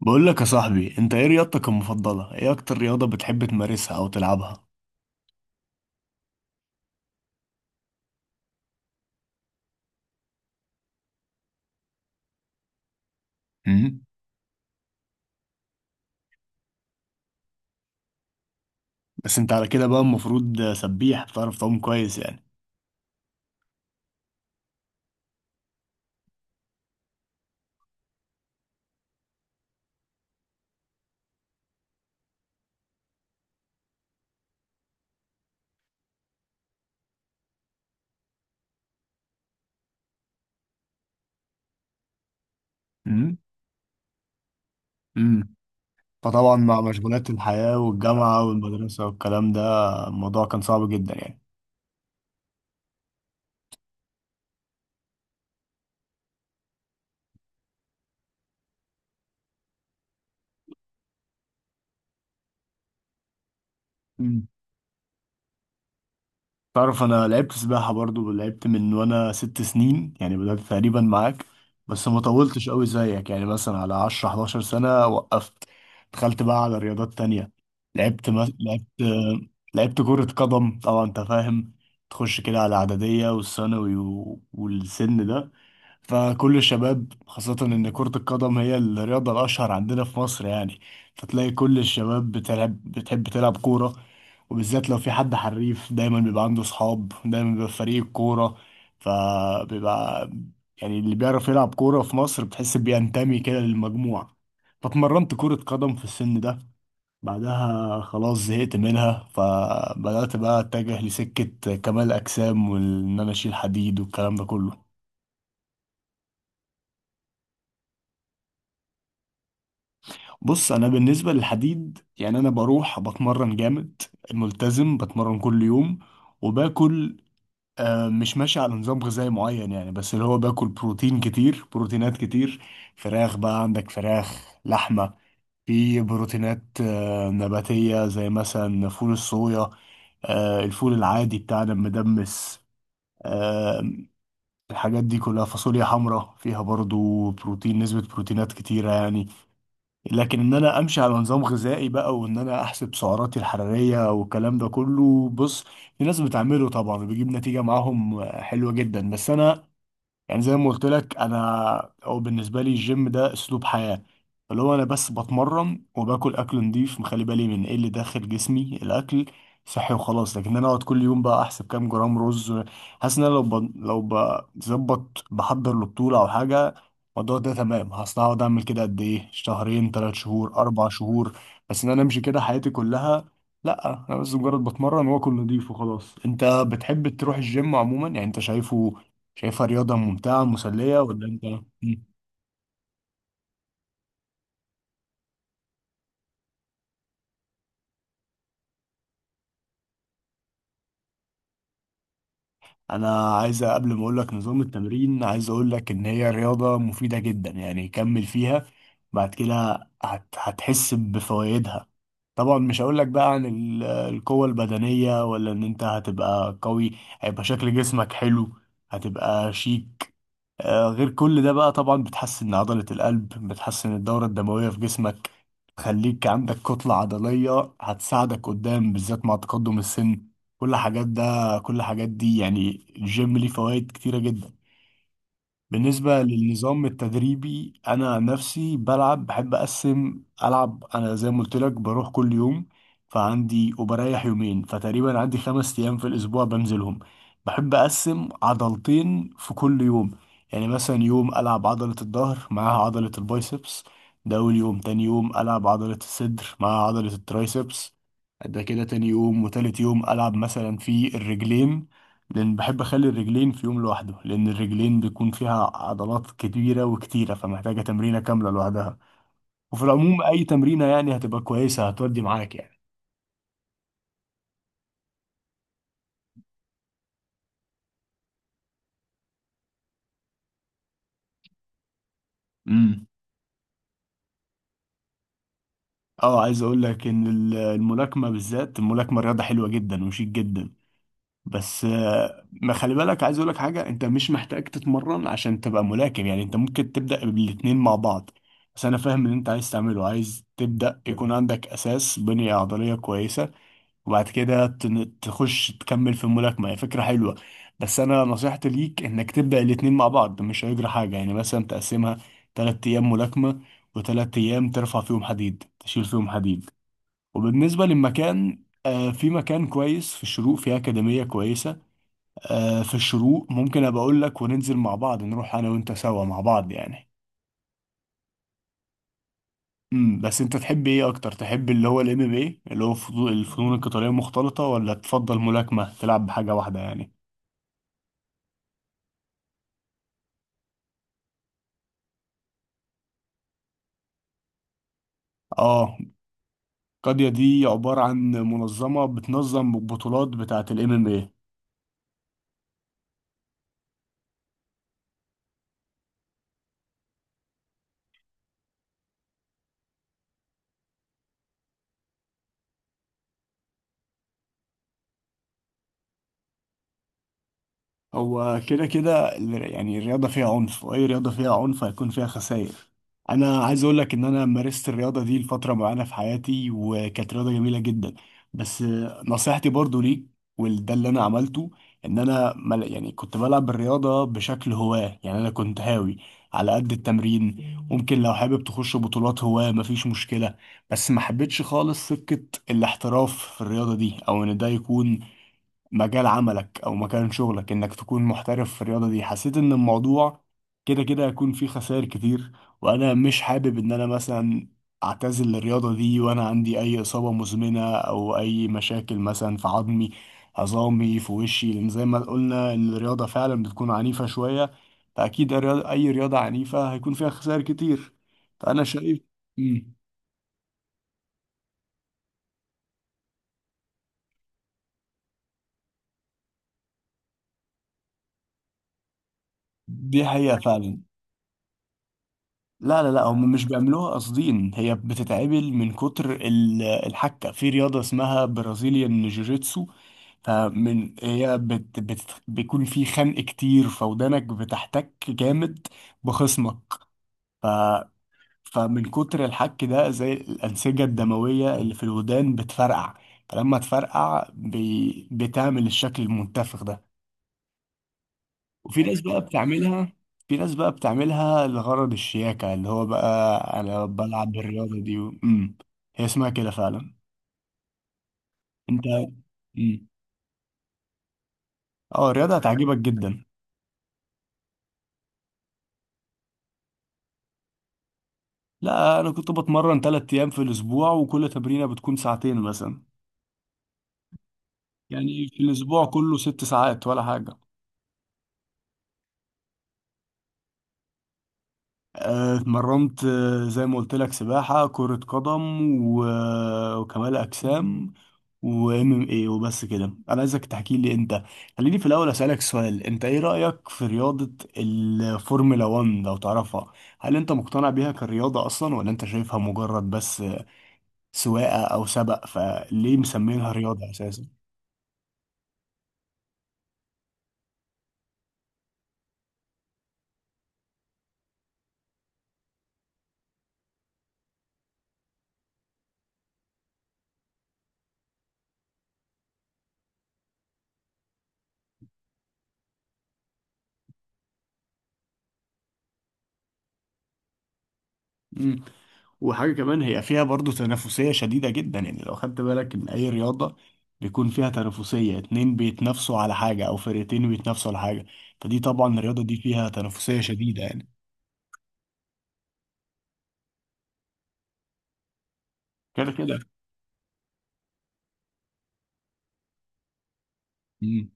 بقول لك يا صاحبي، انت ايه رياضتك المفضلة؟ ايه اكتر رياضة بتحب تمارسها او تلعبها؟ امم بس انت على كده بقى المفروض سبيح، بتعرف تعوم كويس يعني. امم امم فطبعا مع مشغولات الحياة والجامعة والمدرسة والكلام ده، الموضوع كان صعب جدا يعني. مم. تعرف انا لعبت سباحة برضو، لعبت من وانا 6 سنين، يعني بدأت تقريبا معاك. بس ما طولتش قوي زيك، يعني مثلا على 10 11 سنة وقفت. دخلت بقى على رياضات تانية. لعبت، لعبت كرة قدم طبعا، انت فاهم، تخش كده على اعدادية والثانوي والسن ده. فكل الشباب، خاصة ان كرة القدم هي الرياضة الاشهر عندنا في مصر يعني، فتلاقي كل الشباب بتلعب، بتحب تلعب كورة. وبالذات لو في حد حريف، دايما بيبقى عنده صحاب، دايما بيبقى في فريق الكورة. فبيبقى يعني اللي بيعرف يلعب كورة في مصر بتحس بينتمي كده للمجموعة. فاتمرنت كرة قدم في السن ده. بعدها خلاص زهقت منها، فبدأت بقى أتجه لسكة كمال أجسام، وإن أنا أشيل حديد والكلام ده كله. بص، أنا بالنسبة للحديد يعني أنا بروح بتمرن جامد، ملتزم بتمرن كل يوم. وباكل مش ماشي على نظام غذائي معين يعني، بس اللي هو باكل بروتين كتير، بروتينات كتير. فراخ بقى، عندك فراخ، لحمة. في بروتينات نباتية زي مثلا فول الصويا، الفول العادي بتاعنا المدمس. آه، الحاجات دي كلها، فاصوليا حمراء فيها برضو بروتين، نسبة بروتينات كتيرة يعني. لكن ان انا امشي على نظام غذائي بقى، وان انا احسب سعراتي الحراريه والكلام ده كله، بص، في ناس بتعمله طبعا وبيجيب نتيجه معاهم حلوه جدا. بس انا يعني زي ما قلت لك، انا او بالنسبه لي الجيم ده اسلوب حياه، اللي هو انا بس بتمرن وباكل اكل نضيف، مخلي بالي من ايه اللي داخل جسمي، الاكل صحي وخلاص. لكن انا اقعد كل يوم بقى احسب كام جرام رز، حاسس ان انا لو بظبط بحضر لبطوله او حاجه، الموضوع ده تمام، هصل هقعد اعمل كده قد ايه، شهرين ثلاث شهور اربع شهور. بس ان انا امشي كده حياتي كلها، لا. انا بس مجرد بتمرن واكل نضيف وخلاص. انت بتحب تروح الجيم عموما يعني؟ انت شايفه، شايفها رياضة ممتعة مسلية ولا انت؟ مم. انا عايز قبل ما اقول لك نظام التمرين، عايز اقول لك ان هي رياضة مفيدة جدا يعني، كمل فيها. بعد كده هتحس بفوائدها. طبعا مش هقول لك بقى عن القوة البدنية، ولا ان انت هتبقى قوي، هيبقى شكل جسمك حلو، هتبقى شيك. غير كل ده بقى طبعا بتحسن عضلة القلب، بتحسن الدورة الدموية في جسمك، تخليك عندك كتلة عضلية هتساعدك قدام بالذات مع تقدم السن. كل حاجات ده كل حاجات دي يعني، الجيم ليه فوائد كتيرة جدا. بالنسبة للنظام التدريبي، أنا عن نفسي بلعب، بحب أقسم، ألعب أنا زي ما قلت لك بروح كل يوم. فعندي وبريح يومين، فتقريبا عندي 5 أيام في الأسبوع بنزلهم. بحب أقسم عضلتين في كل يوم. يعني مثلا يوم ألعب عضلة الظهر معاها عضلة البايسبس، ده أول يوم. تاني يوم ألعب عضلة الصدر معاها عضلة الترايسبس، ده كده تاني يوم. وتالت يوم ألعب مثلا في الرجلين، لان بحب اخلي الرجلين في يوم لوحده، لان الرجلين بيكون فيها عضلات كبيره وكتيره، فمحتاجه تمرينه كامله لوحدها. وفي العموم اي تمرينه يعني هتبقى كويسه، هتودي معاك يعني. امم اه، عايز اقول لك ان الملاكمه بالذات، الملاكمه رياضه حلوه جدا وشيك جدا. بس ما خلي بالك، عايز اقول لك حاجه، انت مش محتاج تتمرن عشان تبقى ملاكم يعني، انت ممكن تبدا بالاتنين مع بعض. بس انا فاهم اللي انت عايز تعمله، عايز تبدا يكون عندك اساس، بنيه عضليه كويسه، وبعد كده تخش تكمل في الملاكمة، هي فكرة حلوة. بس أنا نصيحتي ليك إنك تبدأ الاتنين مع بعض، مش هيجرى حاجة يعني، مثلا تقسمها 3 أيام ملاكمة، وتلات أيام ترفع فيهم حديد، تشيل فيهم حديد. وبالنسبة للمكان، آه، في مكان كويس في الشروق، في أكاديمية كويسة آه في الشروق، ممكن أبقى أقول لك وننزل مع بعض، نروح أنا وأنت سوا مع بعض يعني. بس أنت تحب إيه أكتر؟ تحب اللي هو الام ام ايه، اللي هو الفنون القتالية المختلطة، ولا تفضل ملاكمة تلعب بحاجة واحدة يعني؟ اه، قضية دي عبارة عن منظمة بتنظم بطولات بتاعة الام ام اي. هو كده كده يعني الرياضة فيها عنف، وأي رياضة فيها عنف هيكون فيها خسائر. أنا عايز أقول لك إن أنا مارست الرياضة دي لفترة معينة في حياتي، وكانت رياضة جميلة جدا. بس نصيحتي برضو ليك، وده اللي أنا عملته، إن أنا يعني كنت بلعب الرياضة بشكل هواة، يعني أنا كنت هاوي على قد التمرين. ممكن لو حابب تخش بطولات هواة، مفيش مشكلة. بس ما حبيتش خالص سكة الاحتراف في الرياضة دي، أو إن ده يكون مجال عملك او مكان شغلك، انك تكون محترف في الرياضة دي. حسيت ان الموضوع كده كده هيكون فيه خسائر كتير، وانا مش حابب ان انا مثلا اعتزل الرياضة دي وانا عندي اي اصابة مزمنة، او اي مشاكل مثلا في عظمي، عظامي في وشي، لان زي ما قلنا ان الرياضة فعلا بتكون عنيفة شوية. فاكيد اي رياضة عنيفة هيكون فيها خسائر كتير، فانا شايف. مم. دي حقيقة فعلا. لا لا لا، هم مش بيعملوها قاصدين، هي بتتعمل من كتر الحكة في رياضة اسمها برازيليان جوجيتسو. فمن هي بت بت بيكون في خنق كتير، فودانك بتحتك جامد بخصمك. ف فمن كتر الحك ده، زي الأنسجة الدموية اللي في الودان بتفرقع، فلما تفرقع بي بتعمل الشكل المنتفخ ده. وفي ناس بقى بتعملها في ناس بقى بتعملها لغرض الشياكة، اللي هو بقى أنا بلعب الرياضة دي مم. هي اسمها كده فعلا. أنت. مم. أه، الرياضة هتعجبك جدا. لا، أنا كنت بتمرن 3 أيام في الأسبوع، وكل تمرينة بتكون ساعتين مثلا، يعني في الأسبوع كله 6 ساعات ولا حاجة. اتمرنت زي ما قلت لك، سباحة، كرة قدم، وكمال أجسام، وام ام اي، وبس كده. انا عايزك تحكي لي انت. خليني في الاول اسالك سؤال، انت ايه رايك في رياضه الفورمولا 1 لو تعرفها؟ هل انت مقتنع بيها كرياضه اصلا، ولا انت شايفها مجرد بس سواقه او سبق؟ فليه مسمينها رياضه اساسا؟ وحاجة كمان، هي فيها برضو تنافسية شديدة جدا يعني. لو خدت بالك من أي رياضة، بيكون فيها تنافسية، اتنين بيتنافسوا على حاجة، أو فرقتين بيتنافسوا على حاجة، فدي طبعا الرياضة دي فيها تنافسية شديدة يعني. كده كده. مم.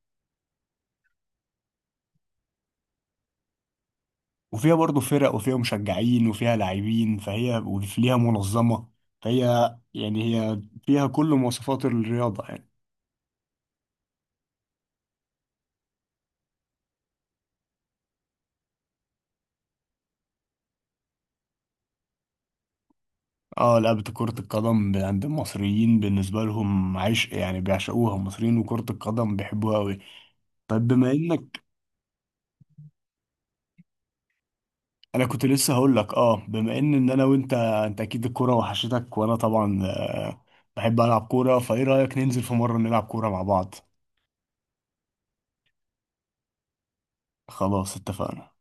وفيها برضو فرق، وفيها مشجعين، وفيها لاعبين، فهي وليها منظمة، فهي يعني هي فيها كل مواصفات الرياضة يعني. اه، لعبة كرة القدم عند المصريين بالنسبة لهم عشق يعني، بيعشقوها المصريين، وكرة القدم بيحبوها أوي. طيب بما إنك، انا كنت لسه هقول لك، اه بما ان انا وانت اكيد الكوره وحشتك، وانا طبعا بحب العب كوره، فايه رايك ننزل في مره نلعب كوره مع بعض؟ خلاص اتفقنا.